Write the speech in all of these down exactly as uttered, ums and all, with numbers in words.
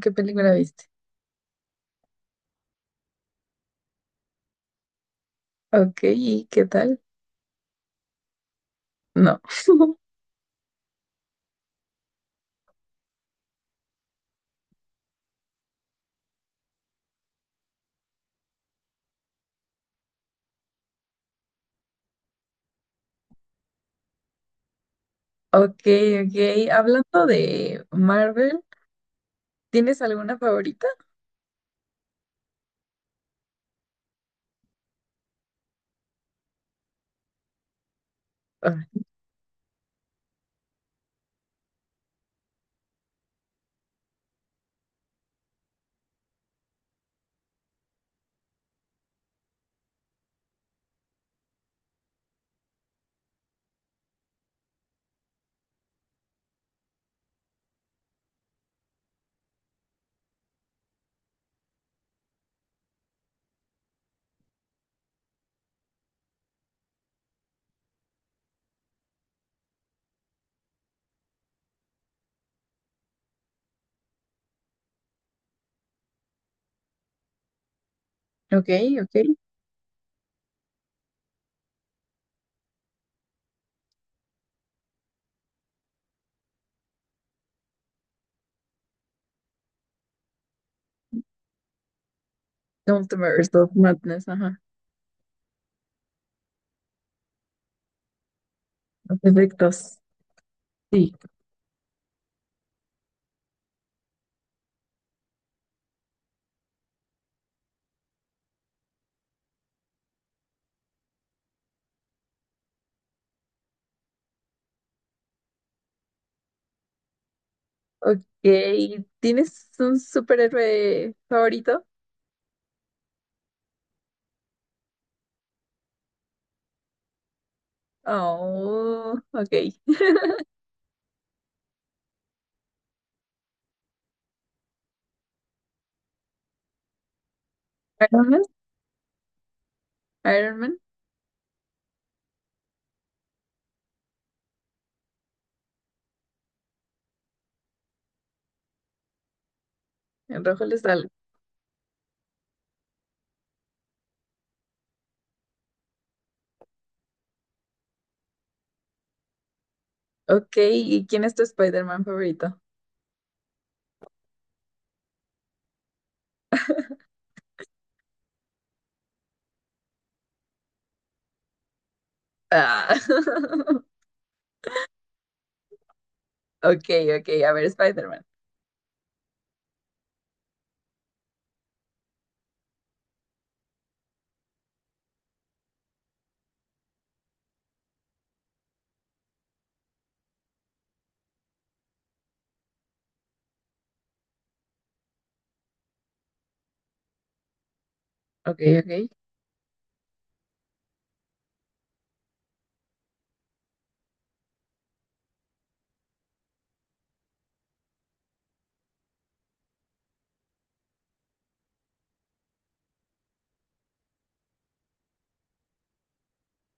¿Qué película viste? Ok, ¿y qué tal? No. Ok, ok. Hablando de Marvel, ¿tienes alguna favorita? Ah, ok, ok. Multiverse of Madness, ajá. Los efectos. Sí. Ok, ¿tienes un superhéroe favorito? Oh, ok. Iron Man. Iron Man. En rojo le sale. Ok, ¿y quién es tu Spider-Man favorito? Ah. Ok, ok. A ver, Spider-Man. Ok, ok.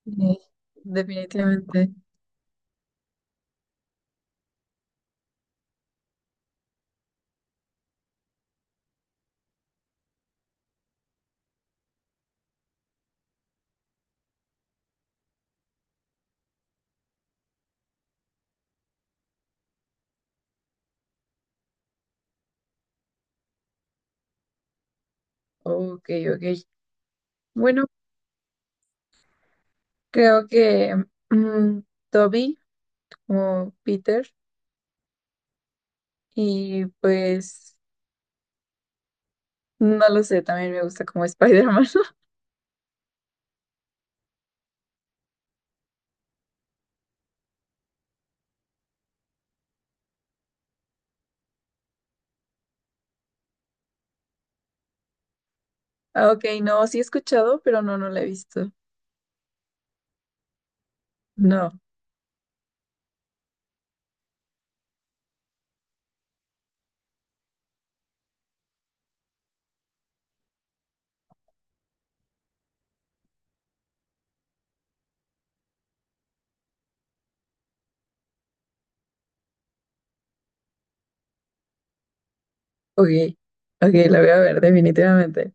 Sí, definitivamente. Ok, ok. Bueno, creo que mm, Toby o Peter y pues no lo sé, también me gusta como Spider-Man. Ah, ok, no, sí he escuchado, pero no, no la he visto. No, ok, ok, la voy a ver definitivamente.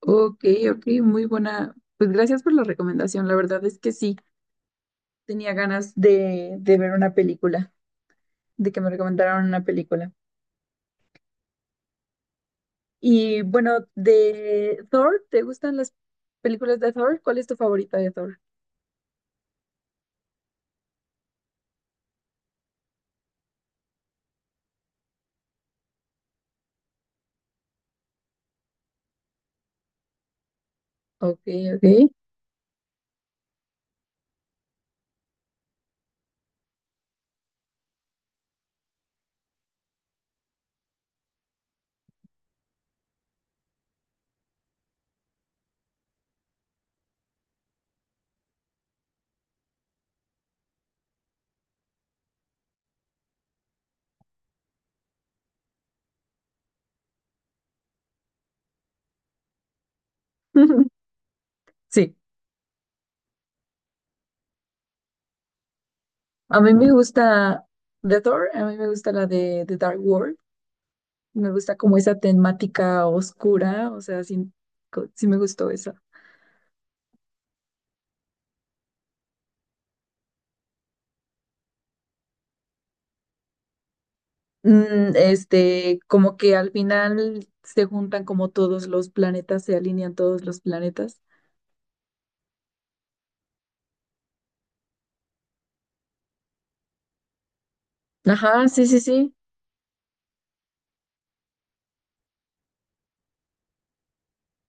Ok, ok, muy buena. Pues gracias por la recomendación. La verdad es que sí, tenía ganas de, de ver una película, de que me recomendaran una película. Y bueno, de Thor, ¿te gustan las películas de Thor? ¿Cuál es tu favorita de Thor? Ok, ok. Sí, a mí me gusta de Thor, a mí me gusta la de, de Dark World. Me gusta como esa temática oscura, o sea, sí, co- sí me gustó esa. Mm, este, como que al final se juntan como todos los planetas, se alinean todos los planetas. Ajá, sí, sí, sí.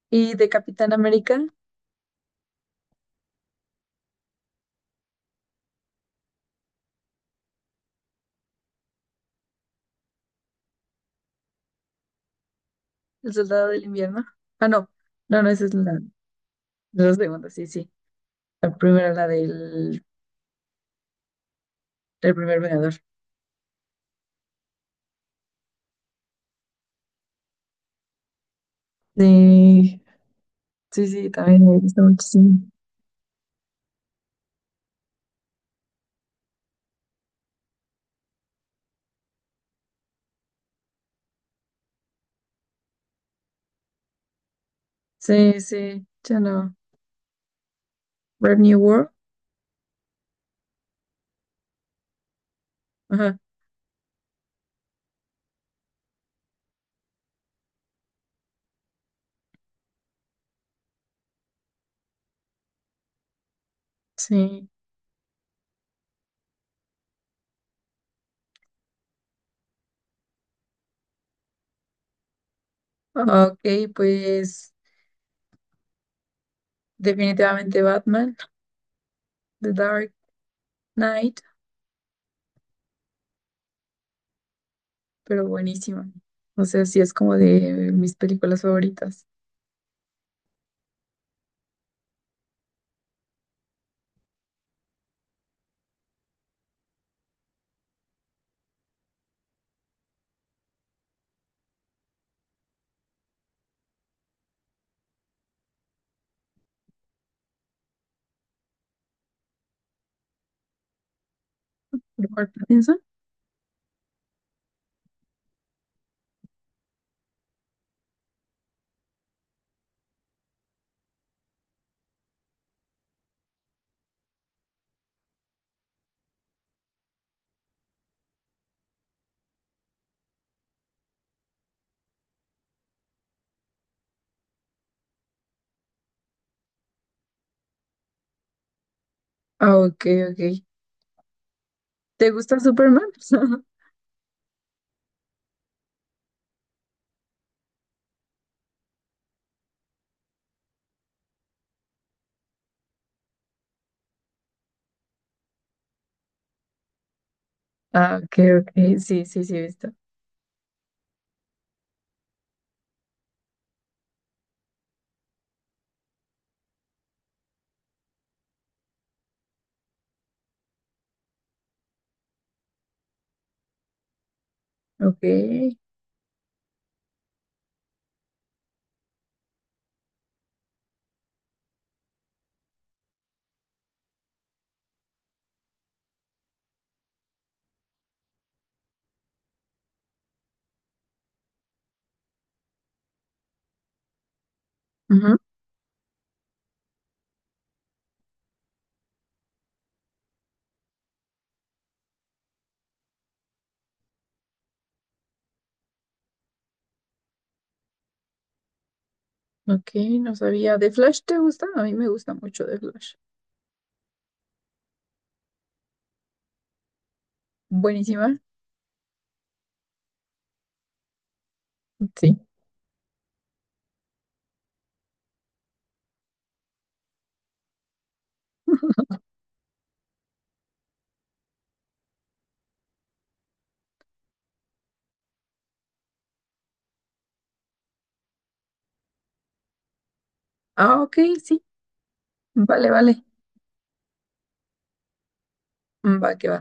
¿Y de Capitán América, el soldado del invierno? Ah, no, no, no, esa es la. La segunda, sí, sí. La primera, la del, del primer Vengador. Sí, sí, sí, también me gusta muchísimo. Sí, sí, ya no. Brave New World. Ajá, sí. Ok, pues definitivamente Batman, The Dark Knight, pero buenísima. O sea, sí es como de mis películas favoritas. ¿Robert Pattinson? Ah, ok, ok. ¿Te gusta Superman? Ah, ok, ok. Sí, sí, sí, he visto. Ok. Ujú. Ok, no sabía. ¿De Flash te gusta? A mí me gusta mucho de Flash. Buenísima. Sí. Ah, ok, sí. Vale, vale. Va que va.